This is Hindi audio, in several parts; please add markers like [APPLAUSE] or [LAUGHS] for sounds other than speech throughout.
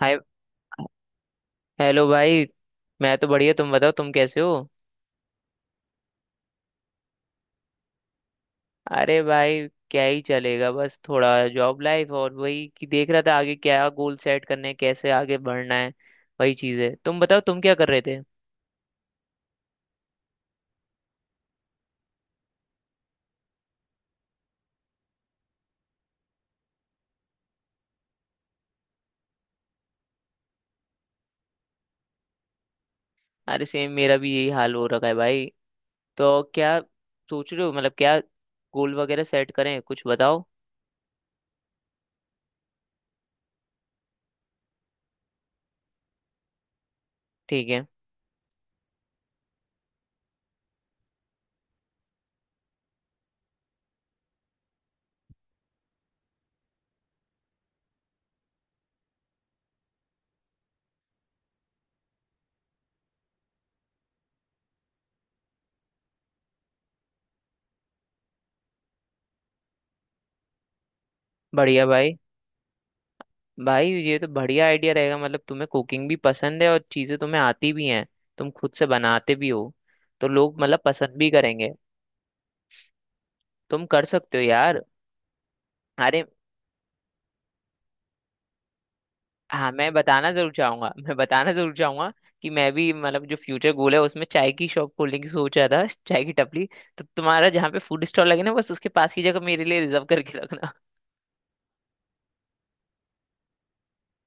हाय हेलो भाई। मैं तो बढ़िया, तुम बताओ तुम कैसे हो। अरे भाई क्या ही चलेगा, बस थोड़ा जॉब लाइफ और वही कि देख रहा था आगे क्या गोल सेट करने हैं, कैसे आगे बढ़ना है। वही चीज़ है, तुम बताओ तुम क्या कर रहे थे। अरे सेम मेरा भी यही हाल हो रखा है भाई। तो क्या सोच रहे हो, मतलब क्या गोल वगैरह सेट करें, कुछ बताओ। ठीक है। बढ़िया भाई, भाई ये तो बढ़िया आइडिया रहेगा, मतलब तुम्हें कुकिंग भी पसंद है और चीजें तुम्हें आती भी हैं, तुम खुद से बनाते भी हो, तो लोग मतलब पसंद भी करेंगे। तुम कर सकते हो यार। अरे हाँ, मैं बताना जरूर चाहूंगा [LAUGHS] मैं बताना जरूर चाहूंगा कि मैं भी, मतलब जो फ्यूचर गोल है उसमें चाय की शॉप खोलने की सोच रहा था, चाय की टपली। तो तुम्हारा जहाँ पे फूड स्टॉल लगे ना, बस उसके पास की जगह मेरे लिए रिजर्व करके रखना।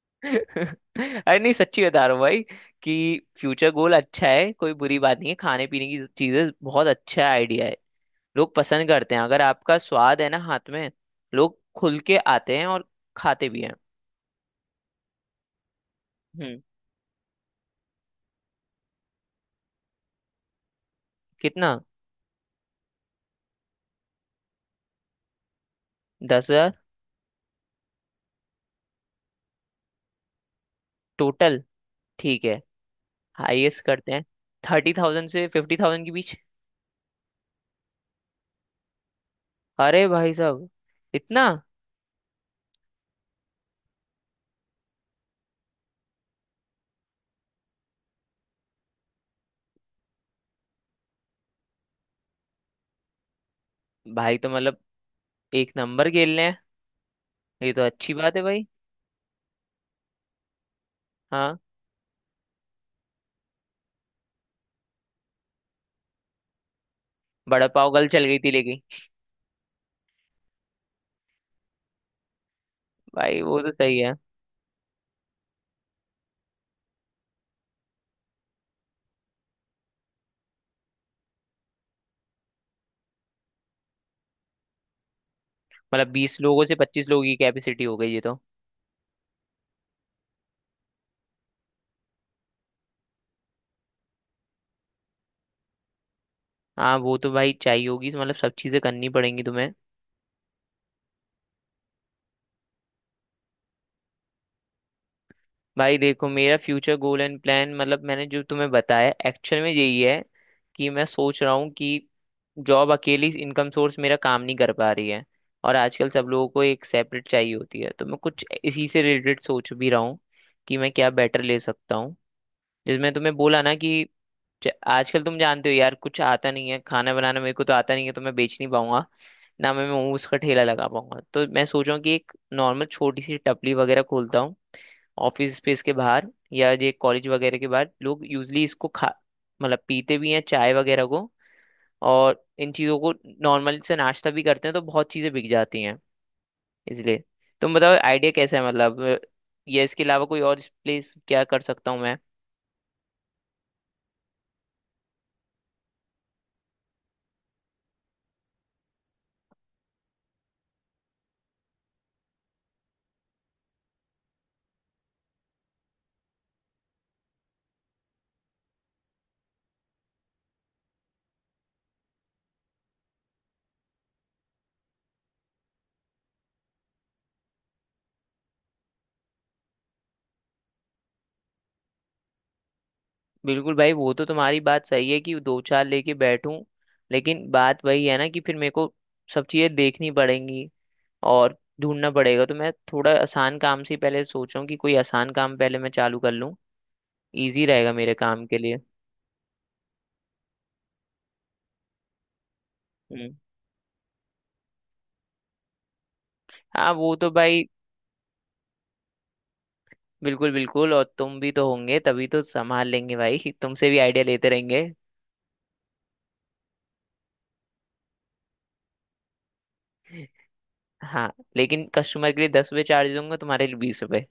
[LAUGHS] अरे नहीं सच्ची बता रहा हूँ भाई, कि फ्यूचर गोल अच्छा है, कोई बुरी बात नहीं है, खाने पीने की चीजें बहुत अच्छा आइडिया है। लोग पसंद करते हैं, अगर आपका स्वाद है ना हाथ में, लोग खुल के आते हैं और खाते भी हैं। हम्म। कितना? 10,000। टोटल? ठीक है। हाईएस्ट करते हैं 30,000 से 50,000 के बीच। अरे भाई साहब, इतना? भाई तो मतलब एक नंबर खेल रहे हैं। ये तो अच्छी बात है भाई। हाँ। बड़ा पाव कल चल गई थी लेकिन, भाई वो तो सही है। मतलब 20 लोगों से 25 लोगों की कैपेसिटी हो गई ये तो। हाँ वो तो भाई चाहिए होगी, मतलब सब चीजें करनी पड़ेंगी तुम्हें। भाई देखो, मेरा फ्यूचर गोल एंड प्लान, मतलब मैंने जो तुम्हें बताया एक्चुअल में यही है कि मैं सोच रहा हूँ कि जॉब अकेली इनकम सोर्स मेरा काम नहीं कर पा रही है, और आजकल सब लोगों को एक सेपरेट चाहिए होती है, तो मैं कुछ इसी से रिलेटेड सोच भी रहा हूँ कि मैं क्या बेटर ले सकता हूँ। जिसमें तुम्हें बोला ना कि आजकल तुम जानते हो यार, कुछ आता नहीं है, खाना बनाना मेरे को तो आता नहीं है, तो मैं बेच नहीं पाऊंगा, ना मैं मोमोज का ठेला लगा पाऊंगा। तो मैं सोच रहा हूँ कि एक नॉर्मल छोटी सी टपली वगैरह खोलता हूँ, ऑफिस स्पेस के बाहर या ये कॉलेज वगैरह के बाहर। लोग यूजली इसको खा, मतलब पीते भी हैं चाय वगैरह को, और इन चीज़ों को, नॉर्मल से नाश्ता भी करते हैं, तो बहुत चीज़ें बिक जाती हैं इसलिए। तुम बताओ आइडिया कैसा है, मतलब या इसके अलावा कोई और प्लेस, क्या कर सकता हूँ मैं। बिल्कुल भाई, वो तो तुम्हारी बात सही है कि दो चार लेके बैठूं, लेकिन बात वही है ना कि फिर मेरे को सब चीजें देखनी पड़ेंगी और ढूंढना पड़ेगा। तो मैं थोड़ा आसान काम से ही पहले सोच रहा हूँ कि कोई आसान काम पहले मैं चालू कर लूँ, इजी रहेगा मेरे काम के लिए। हम्म। हाँ वो तो भाई। बिल्कुल बिल्कुल, और तुम भी तो होंगे तभी तो संभाल लेंगे भाई [LAUGHS] तुमसे भी आइडिया लेते रहेंगे। हाँ, लेकिन कस्टमर के लिए 10 रुपये चार्ज दूंगा, तुम्हारे लिए 20 रुपये।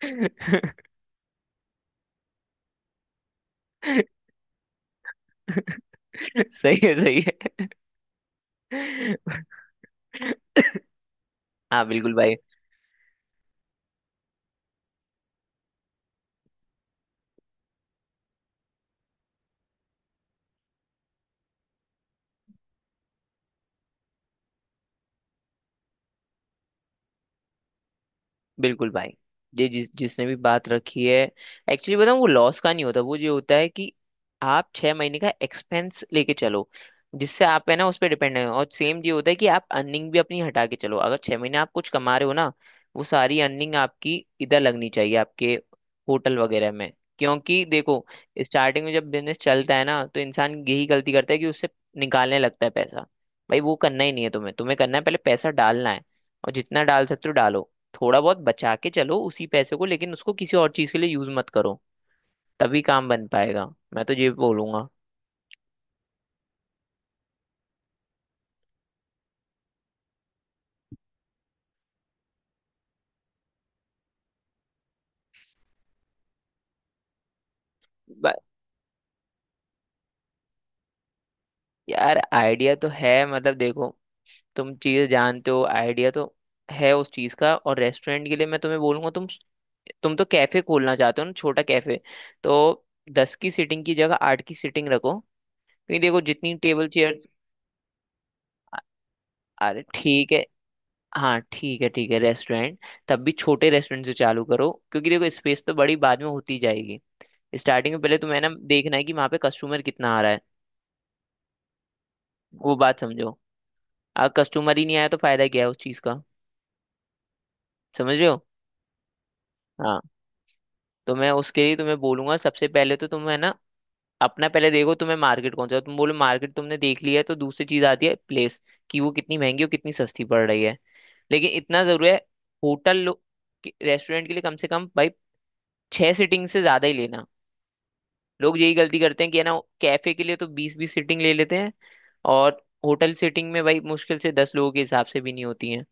[LAUGHS] सही है, सही है [LAUGHS] हाँ बिल्कुल भाई। बिल्कुल भाई, ये जिस जिसने भी बात रखी है, एक्चुअली बताऊँ वो लॉस का नहीं होता, वो ये होता है कि आप 6 महीने का एक्सपेंस लेके चलो, जिससे आप है ना उस पर डिपेंड है। और सेम ये होता है कि आप अर्निंग भी अपनी हटा के चलो, अगर 6 महीने आप कुछ कमा रहे हो ना, वो सारी अर्निंग आपकी इधर लगनी चाहिए, आपके होटल वगैरह में। क्योंकि देखो स्टार्टिंग में जब बिजनेस चलता है ना, तो इंसान यही गलती करता है कि उससे निकालने लगता है पैसा। भाई वो करना ही नहीं है तुम्हें, तुम्हें करना है पहले पैसा डालना है, और जितना डाल सकते हो डालो। थोड़ा बहुत बचा के चलो उसी पैसे को, लेकिन उसको किसी और चीज के लिए यूज मत करो, तभी काम बन पाएगा। मैं तो ये बोलूंगा। ब- यार आइडिया तो है, मतलब देखो, तुम चीज जानते हो आइडिया तो है उस चीज का। और रेस्टोरेंट के लिए मैं तुम्हें बोलूंगा, तुम तो कैफे खोलना चाहते हो ना, छोटा कैफे। तो 10 की सीटिंग की जगह 8 की सीटिंग रखो, क्योंकि देखो जितनी टेबल चेयर, अरे ठीक है, हाँ ठीक है रेस्टोरेंट, तब भी छोटे रेस्टोरेंट से चालू करो क्योंकि देखो स्पेस तो बड़ी बाद में होती जाएगी। स्टार्टिंग में पहले तुम्हें ना देखना है कि वहां पे कस्टमर कितना आ रहा है। वो बात समझो, अगर कस्टमर ही नहीं आया तो फायदा क्या है उस चीज का, समझ रहे हो। हाँ, तो मैं उसके लिए तुम्हें बोलूंगा, सबसे पहले तो तुम है ना अपना पहले देखो तुम्हें मार्केट कौन सा है। तुम बोलो मार्केट तुमने देख लिया है, तो दूसरी चीज आती है प्लेस, कि वो कितनी महंगी और कितनी सस्ती पड़ रही है। लेकिन इतना जरूरी है, होटल रेस्टोरेंट के लिए कम से कम भाई 6 सीटिंग से ज्यादा ही लेना। लोग यही गलती करते हैं कि है ना, कैफे के लिए तो 20 20 सीटिंग ले लेते हैं, और होटल सीटिंग में भाई मुश्किल से 10 लोगों के हिसाब से भी नहीं होती हैं।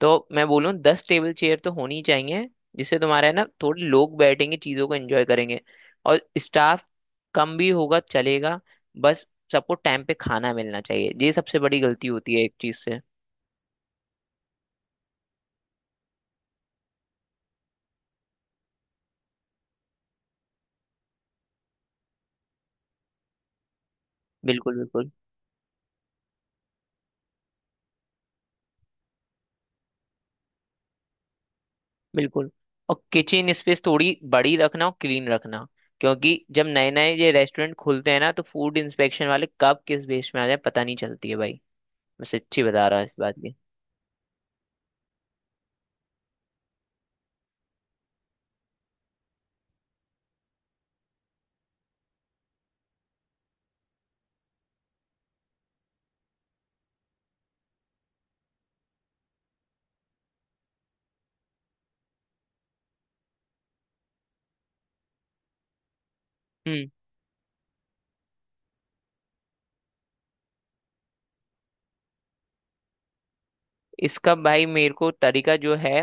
तो मैं बोलूँ 10 टेबल चेयर तो होनी ही चाहिए, जिससे तुम्हारा है ना थोड़े लोग बैठेंगे, चीज़ों को एंजॉय करेंगे, और स्टाफ कम भी होगा चलेगा। बस सबको टाइम पे खाना मिलना चाहिए, ये सबसे बड़ी गलती होती है एक चीज़ से। बिल्कुल बिल्कुल बिल्कुल। और किचन स्पेस थोड़ी बड़ी रखना और क्लीन रखना, क्योंकि जब नए नए ये रेस्टोरेंट खुलते हैं ना, तो फूड इंस्पेक्शन वाले कब किस बेस में आ जाए पता नहीं चलती है भाई। मैं सच्ची बता रहा हूँ इस बात की। इसका भाई मेरे को तरीका जो है,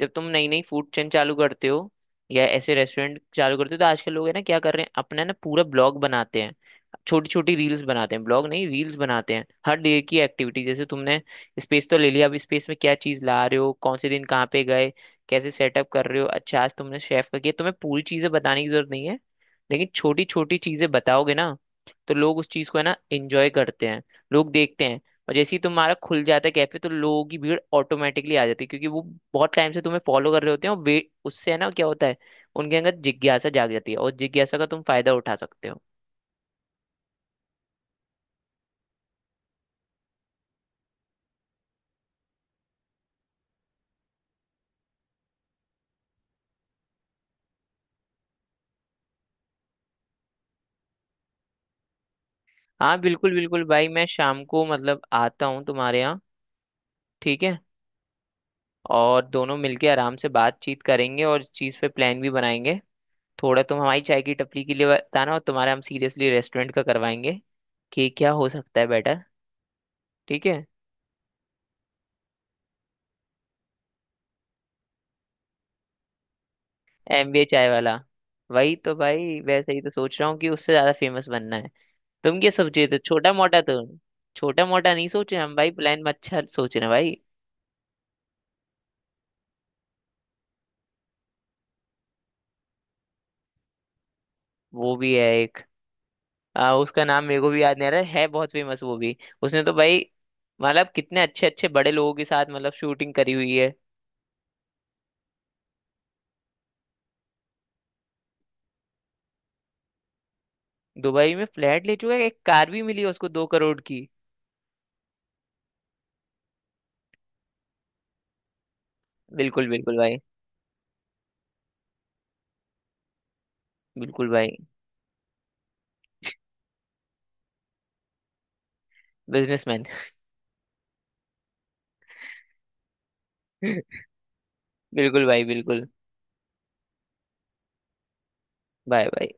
जब तुम नई नई फूड चेन चालू करते हो या ऐसे रेस्टोरेंट चालू करते हो, तो आजकल लोग है ना क्या कर रहे हैं, अपना ना पूरा ब्लॉग बनाते हैं, छोटी छोटी रील्स बनाते हैं, ब्लॉग नहीं रील्स बनाते हैं, हर डे की एक्टिविटी। जैसे तुमने स्पेस तो ले लिया, अब स्पेस में क्या चीज ला रहे हो, कौन से दिन कहाँ पे गए, कैसे सेटअप कर रहे हो, अच्छा आज तुमने शेफ का किया। तुम्हें पूरी चीजें बताने की जरूरत नहीं है, लेकिन छोटी छोटी चीजें बताओगे ना, तो लोग उस चीज को है ना एंजॉय करते हैं, लोग देखते हैं। और जैसे ही तुम्हारा खुल जाता है कैफे, तो लोगों की भीड़ ऑटोमेटिकली आ जाती है, क्योंकि वो बहुत टाइम से तुम्हें फॉलो कर रहे होते हैं। और वे उससे है ना क्या होता है, उनके अंदर जिज्ञासा जाग जाती है, और जिज्ञासा का तुम फायदा उठा सकते हो। हाँ बिल्कुल बिल्कुल भाई, मैं शाम को मतलब आता हूँ तुम्हारे यहाँ। ठीक है। और दोनों मिलके आराम से बातचीत करेंगे और इस चीज़ पे प्लान भी बनाएंगे। थोड़ा तुम हमारी चाय की टपरी के लिए बताना, और तुम्हारा हम सीरियसली रेस्टोरेंट का करवाएंगे कि क्या हो सकता है बेटर। ठीक है। एमबीए चाय वाला। वही तो भाई, वैसे ही तो सोच रहा हूँ कि उससे ज्यादा फेमस बनना है। तुम क्या सोचे तो छोटा मोटा तो, छोटा मोटा नहीं सोचे हम भाई, प्लान में अच्छा सोच रहे हैं भाई। वो भी है एक, उसका नाम मेरे को भी याद नहीं आ रहा है बहुत फेमस वो भी। उसने तो भाई मतलब कितने अच्छे अच्छे बड़े लोगों के साथ, मतलब शूटिंग करी हुई है। दुबई में फ्लैट ले चुका है, एक कार भी मिली है उसको 2 करोड़ की। बिल्कुल बिल्कुल भाई। बिल्कुल भाई। बिजनेसमैन। [LAUGHS] बिल्कुल भाई बिल्कुल। Bye bye.